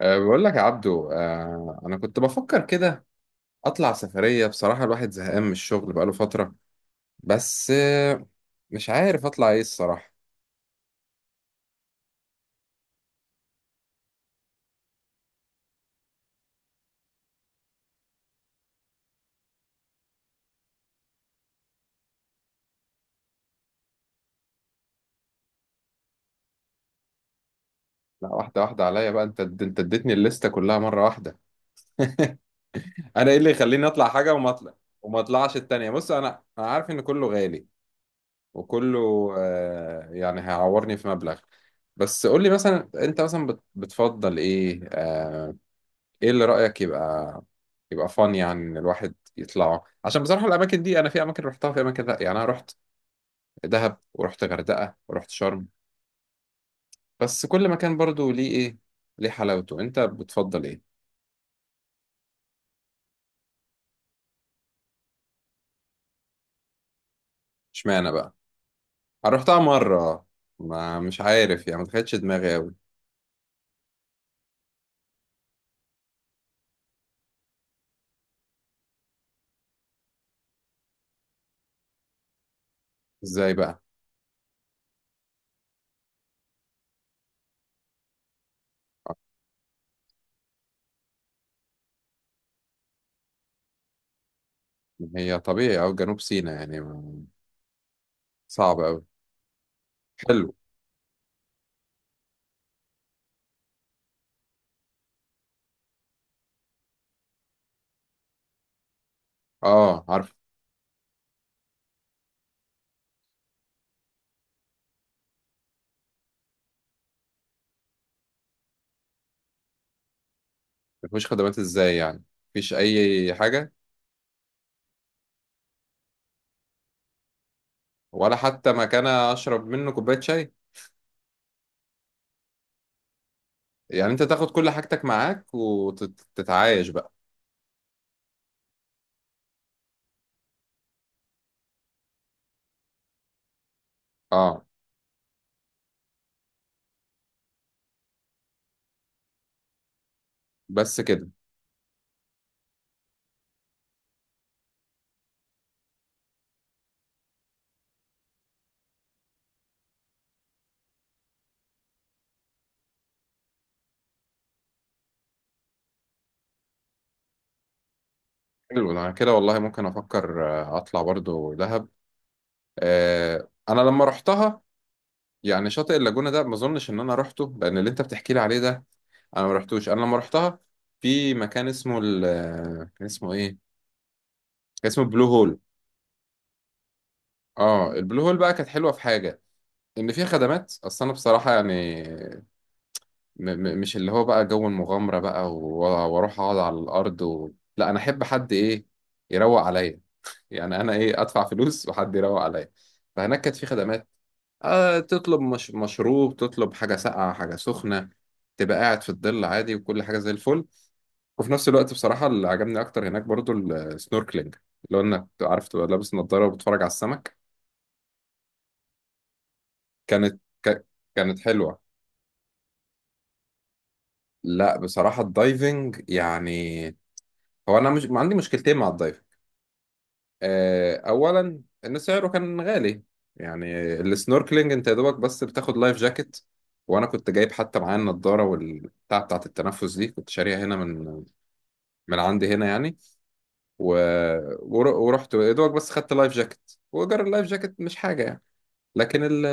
بقول لك يا عبدو، أنا كنت بفكر كده أطلع سفرية. بصراحة الواحد زهقان من الشغل بقاله فترة، بس مش عارف أطلع إيه الصراحة. لا، واحدة واحدة عليا بقى، أنت اديتني الليستة كلها مرة واحدة. أنا إيه اللي يخليني أطلع حاجة وما أطلع وما أطلعش التانية؟ بص، أنا عارف إن كله غالي وكله يعني هيعورني في مبلغ، بس قول لي مثلا أنت مثلا بتفضل إيه؟ ايه اللي رأيك يبقى فن يعني ان الواحد يطلعه؟ عشان بصراحة الاماكن دي انا في اماكن رحتها، في اماكن لا. يعني انا رحت دهب ورحت غردقة ورحت شرم، بس كل مكان برضو ليه ايه، ليه حلاوته. انت بتفضل ايه؟ اشمعنى بقى؟ انا رحتها مرة، ما مش عارف يعني، ما دخلتش دماغي قوي. ازاي بقى؟ هي طبيعي او جنوب سيناء يعني صعب قوي. حلو. اه عارف. مفيش خدمات ازاي يعني؟ مفيش اي حاجة؟ ولا حتى مكان اشرب منه كوباية شاي؟ يعني انت تاخد كل حاجتك معاك وتتعايش بقى؟ اه. بس كده؟ حلو، انا كده والله ممكن افكر، اطلع برضو دهب. آه انا لما رحتها، يعني شاطئ اللاجونة ده ما اظنش ان انا رحته، لان اللي انت بتحكي لي عليه ده انا ما رحتوش. انا لما رحتها في مكان اسمه ال كان اسمه ايه، كان اسمه بلو هول. اه، البلو هول بقى كانت حلوه في حاجه، ان فيها خدمات. اصل انا بصراحه يعني م م مش اللي هو بقى جو المغامرة بقى واروح اقعد على الارض لا، انا احب حد ايه، يروق عليا. يعني انا ايه، ادفع فلوس وحد يروق عليا. فهناك كانت في خدمات. آه تطلب مش... مشروب، تطلب حاجة ساقعة، حاجة سخنة، تبقى قاعد في الظل عادي، وكل حاجة زي الفل. وفي نفس الوقت بصراحة اللي عجبني اكتر هناك برضو السنوركلينج، اللي هو انك عارف تبقى لابس نظارة وبتتفرج على السمك. كانت ك... كانت حلوة. لا بصراحة الدايفنج يعني، هو انا مش، ما عندي مشكلتين مع الدايفنج. اولا ان سعره كان غالي. يعني السنوركلينج انت يا دوبك بس بتاخد لايف جاكيت، وانا كنت جايب حتى معايا النضاره والبتاع بتاعت التنفس دي، كنت شاريها هنا من عندي هنا يعني و... ورحت يا دوبك بس خدت لايف جاكيت، وايجار اللايف جاكيت مش حاجه يعني. لكن ال...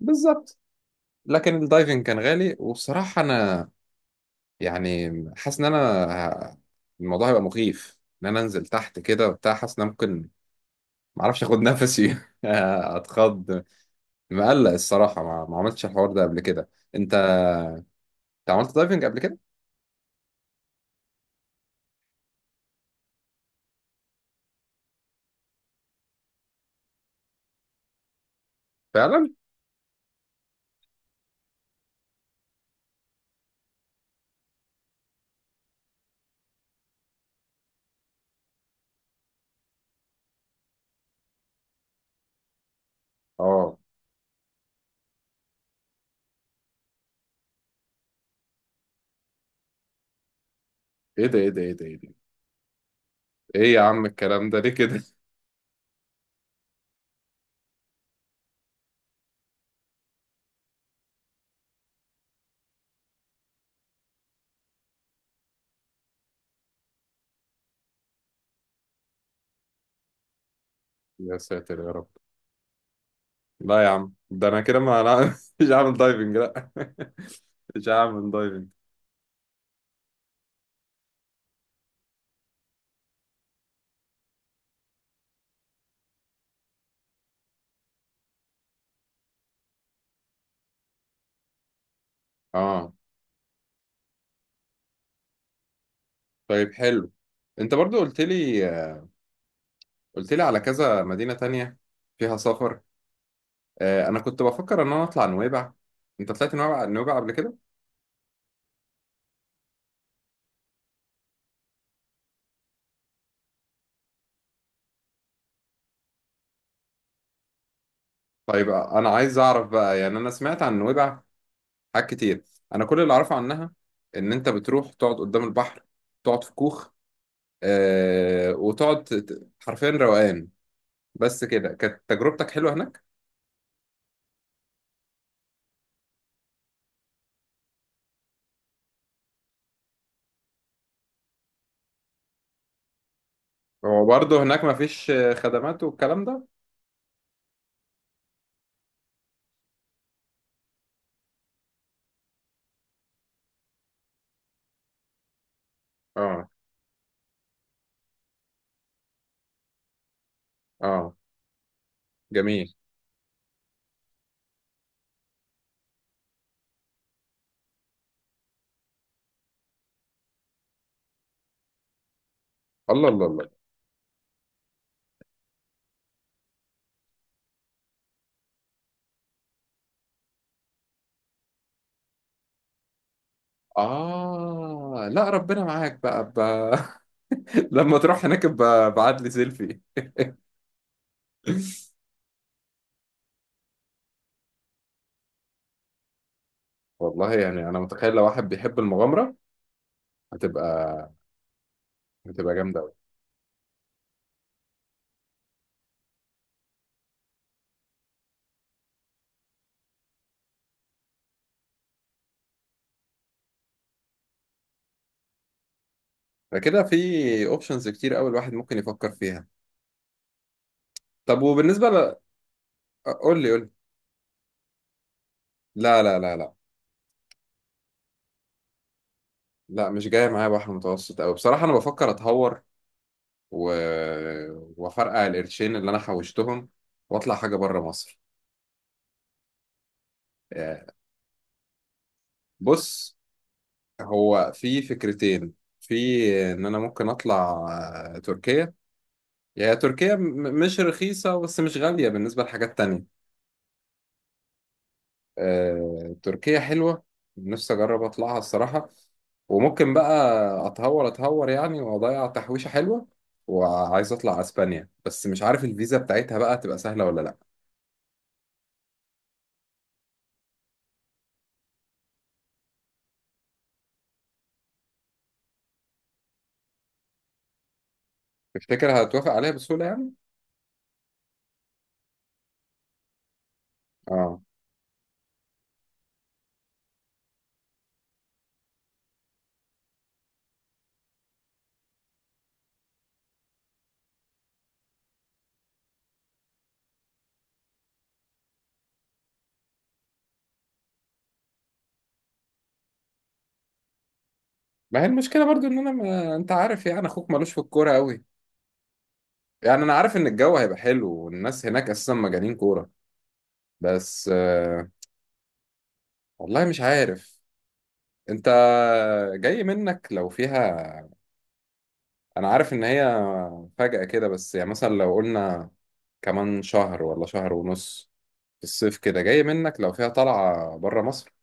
بالظبط. لكن الدايفنج كان غالي وبصراحه انا يعني حاسس ان انا ه- الموضوع هيبقى مخيف، ان انا انزل تحت كده وبتاع، حاسس ان انا ممكن معرفش اخد نفسي اتخض. مقلق الصراحة، ما عملتش الحوار ده قبل كده. انت عملت دايفنج قبل كده؟ فعلا. اه ايه ده، ايه ده، ايه ده، ايه ده؟ ايه يا عم الكلام ده، ليه كده؟ يا ساتر يا رب. لا يا عم ده انا كده ما لا مش هعمل دايفنج. لا مش هعمل دايفنج. اه. طيب حلو. انت برضو قلت لي، قلت لي على كذا مدينة تانية فيها سفر. آه انا كنت بفكر ان انا اطلع نويبع. انت طلعت نويبع، نويبع قبل كده؟ طيب انا عايز اعرف بقى. يعني انا سمعت عن نويبع حاجات كتير. انا كل اللي اعرفه عنها ان انت بتروح تقعد قدام البحر، تقعد في كوخ، وتقعد حرفيا روقان. بس كده كانت تجربتك حلوه هناك؟ هو برضه هناك مفيش خدمات والكلام ده؟ اه. اه. جميل. الله الله الله. اه لا ربنا معاك بقى. لما تروح هناك ابقى ابعت لي سيلفي. والله يعني انا متخيل لو واحد بيحب المغامره، هتبقى هتبقى جامده قوي. فكده في اوبشنز كتير قوي الواحد ممكن يفكر فيها. طب وبالنسبة قول لي، قول لي. لا لا لا لا، لا مش جاية معايا بحر متوسط أوي. بصراحة أنا بفكر أتهور و... وأفرقع القرشين اللي أنا حوشتهم وأطلع حاجة بره مصر. آه، بص، هو في فكرتين، في إن أنا ممكن أطلع تركيا. يعني تركيا مش رخيصة بس مش غالية بالنسبة لحاجات تانية. تركيا حلوة، نفسي أجرب أطلعها الصراحة. وممكن بقى أتهور، أتهور يعني وأضيع تحويشة حلوة وعايز أطلع أسبانيا، بس مش عارف الفيزا بتاعتها بقى تبقى سهلة ولا لأ. تفتكر هتوافق عليها بسهولة يعني؟ آه. ما هي المشكلة برضو إن أنا ما... أنت عارف يعني أخوك ملوش في الكورة أوي. يعني أنا عارف إن الجو هيبقى حلو والناس هناك أساسا مجانين كورة، بس والله مش عارف. أنت، جاي منك لو فيها. انا عارف ان هي فجأة كده، بس يعني مثلا لو قلنا كمان شهر ولا شهر ونص في الصيف كده، جاي منك لو فيها طلعة بره مصر؟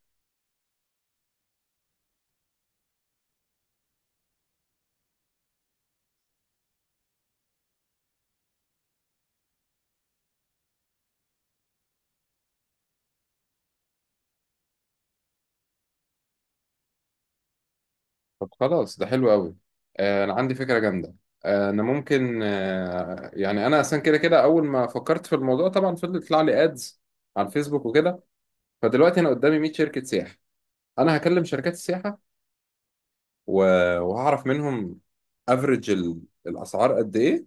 طب خلاص ده حلو قوي. انا عندي فكرة جامدة. انا ممكن يعني انا اصلا كده كده اول ما فكرت في الموضوع طبعا فضل يطلع لي ادز على الفيسبوك وكده. فدلوقتي انا قدامي 100 شركة سياحة. انا هكلم شركات السياحة وهعرف منهم افريج الاسعار قد ايه،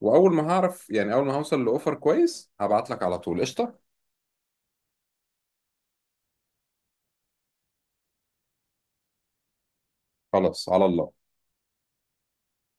واول ما هعرف يعني اول ما هوصل لاوفر كويس هبعت لك على طول. قشطه. خلاص على الله.